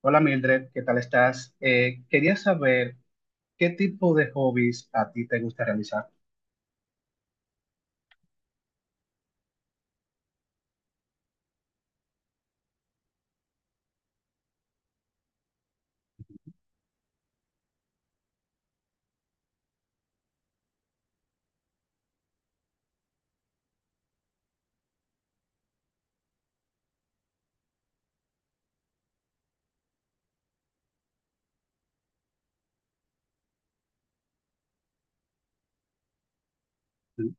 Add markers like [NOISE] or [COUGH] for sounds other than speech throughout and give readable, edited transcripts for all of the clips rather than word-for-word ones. Hola Mildred, ¿qué tal estás? Quería saber qué tipo de hobbies a ti te gusta realizar. Mm.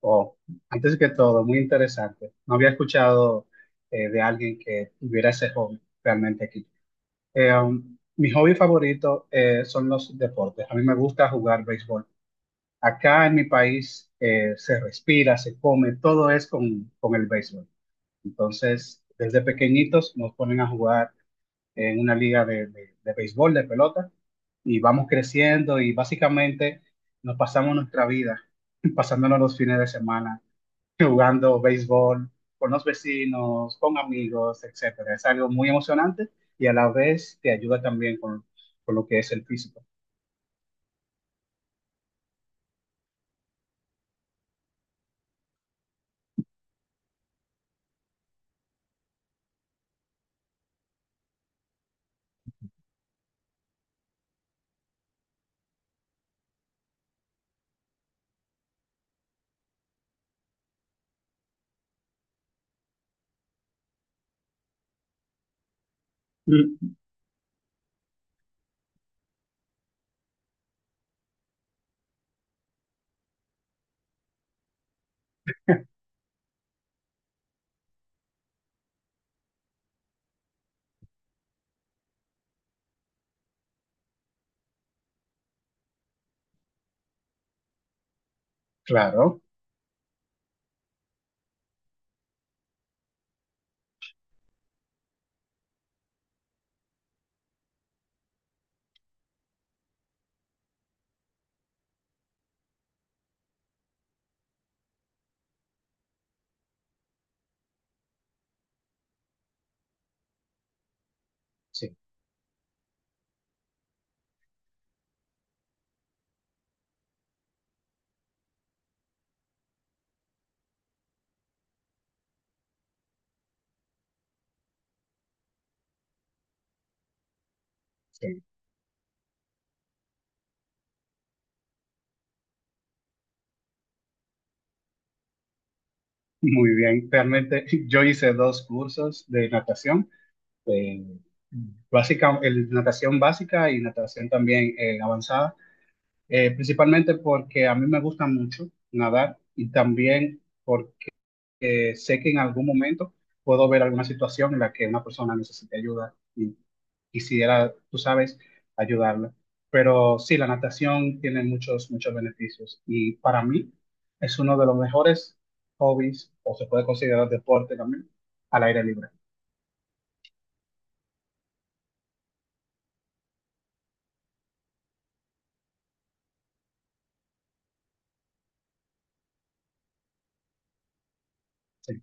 Oh, antes que todo, muy interesante. No había escuchado de alguien que tuviera ese hobby realmente aquí. Mi hobby favorito son los deportes. A mí me gusta jugar béisbol. Acá en mi país se respira, se come, todo es con el béisbol. Entonces, desde pequeñitos nos ponen a jugar en una liga de béisbol, de pelota y vamos creciendo y básicamente nos pasamos nuestra vida [LAUGHS] pasándonos los fines de semana jugando béisbol con los vecinos, con amigos, etcétera. Es algo muy emocionante y a la vez te ayuda también con lo que es el físico. Mm. Claro, sí, sí. Muy bien. Realmente [LAUGHS] yo hice dos cursos de natación, eh, básica, natación básica y natación también avanzada. Principalmente porque a mí me gusta mucho nadar y también porque sé que en algún momento puedo ver alguna situación en la que una persona necesite ayuda y quisiera, tú sabes, ayudarla. Pero sí, la natación tiene muchos beneficios y para mí es uno de los mejores hobbies o se puede considerar deporte también al aire libre. Sí.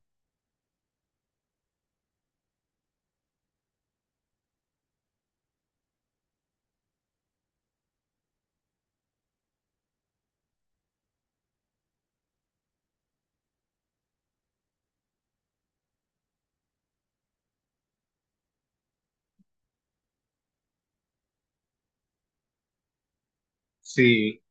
Sí,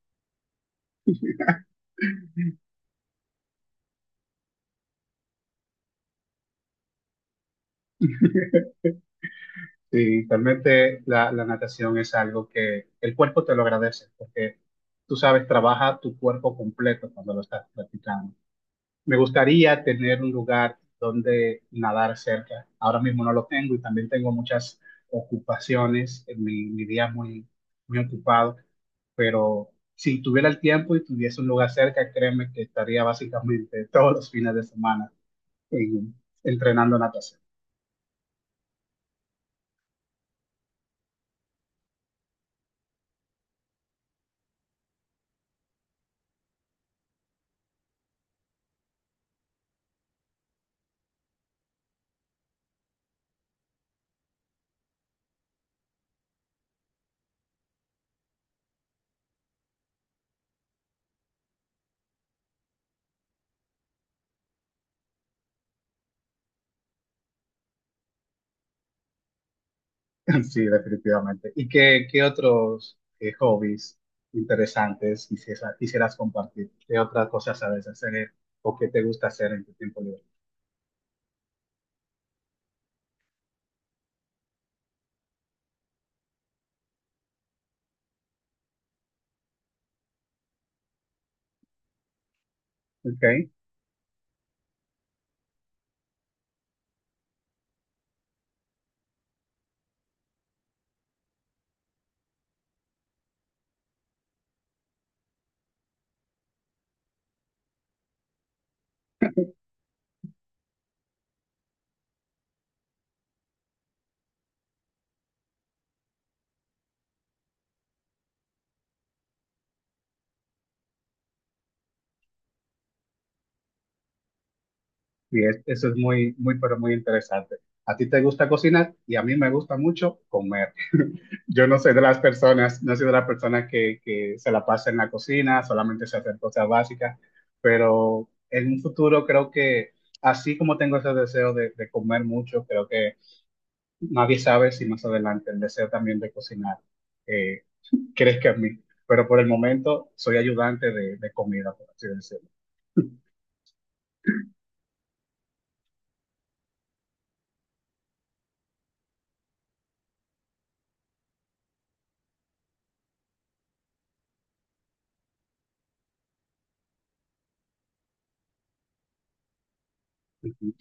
Sí, realmente la natación es algo que el cuerpo te lo agradece, porque tú sabes, trabaja tu cuerpo completo cuando lo estás practicando. Me gustaría tener un lugar donde nadar cerca. Ahora mismo no lo tengo y también tengo muchas ocupaciones, en mi día es muy, muy ocupado, pero si tuviera el tiempo y tuviese un lugar cerca, créeme que estaría básicamente [LAUGHS] todos los fines de semana en- entrenando natación. [LAUGHS] Sí, definitivamente. ¿Y qué otros hobbies interesantes quisieras compartir? ¿Qué otras cosas sabes hacer o qué te gusta hacer en tu tiempo libre? Ok, eso es muy, pero muy interesante. A ti te gusta cocinar y a mí me gusta mucho comer. [LAUGHS] Yo no soy de las personas, no soy de las personas que se la pasa en la cocina, solamente se hacer cosas básicas, pero en un futuro creo que así como tengo ese deseo de comer mucho, creo que nadie sabe si más adelante el deseo también de cocinar eh, crezca en mí, pero por el momento soy ayudante de comida, por así decirlo. Ujú.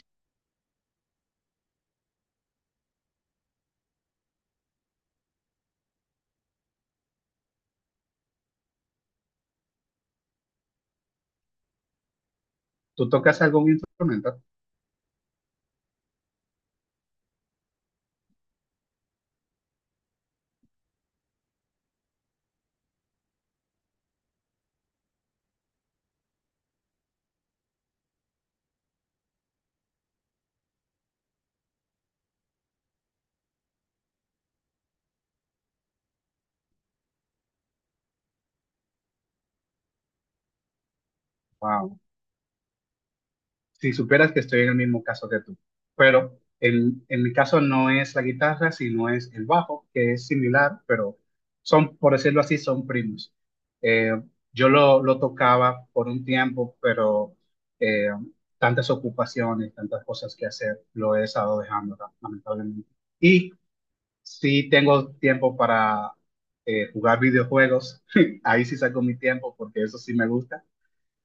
¿Tú tocas algún instrumento? Wow. Si superas que estoy en el mismo caso que tú. Pero en mi caso no es la guitarra, sino es el bajo, que es similar, pero son, por decirlo así, son primos. Eh, yo lo tocaba por un tiempo, pero eh, tantas ocupaciones, tantas cosas que hacer, lo he estado dejando, lamentablemente. Y si tengo tiempo para jugar videojuegos, [LAUGHS] ahí sí saco mi tiempo, porque eso sí me gusta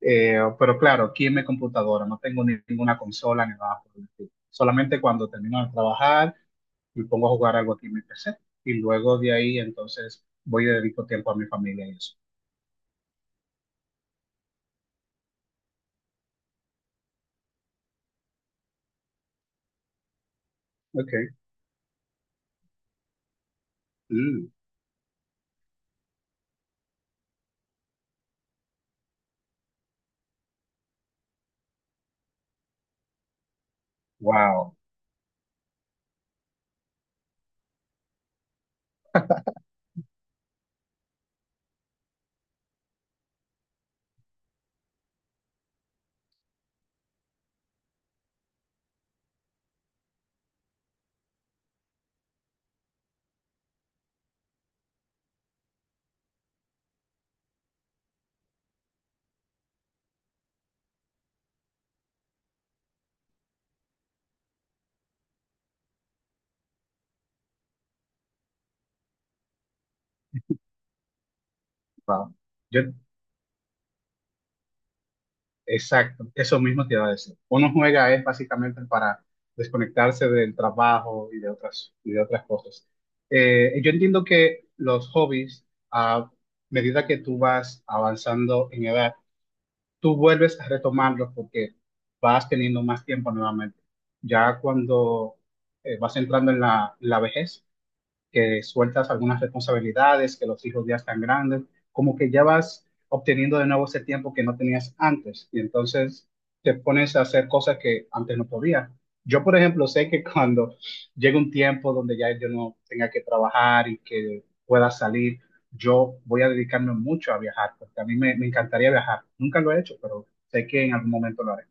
pero claro, aquí en mi computadora no tengo ninguna consola ni nada por el estilo. Solamente cuando termino de trabajar me pongo a jugar algo aquí en mi PC. Y luego de ahí entonces voy y dedico tiempo a mi familia y eso. Ok. Mm. Wow, wow. Yo, exacto, eso mismo te iba a decir. Uno juega es básicamente para desconectarse del trabajo y de otras cosas. Yo entiendo que los hobbies, a medida que tú vas avanzando en edad, tú vuelves a retomarlos porque vas teniendo más tiempo nuevamente. Ya cuando vas entrando en la vejez, que sueltas algunas responsabilidades, que los hijos ya están grandes, como que ya vas obteniendo de nuevo ese tiempo que no tenías antes y entonces te pones a hacer cosas que antes no podías. Yo, por ejemplo, sé que [LAUGHS] cuando llegue un tiempo donde ya yo no tenga que trabajar y que pueda salir, yo voy a dedicarme mucho a viajar, porque a mí me encantaría viajar. Nunca lo he hecho, pero sé que en algún momento lo haré.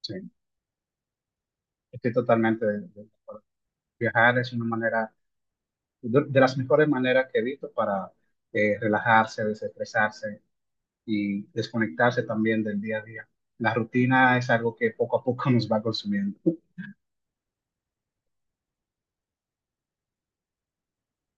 Sí, estoy totalmente de acuerdo. Viajar es una manera de las mejores maneras que he visto para relajarse, desestresarse y desconectarse también del día a día. La rutina es algo que poco a poco [LAUGHS] nos va consumiendo.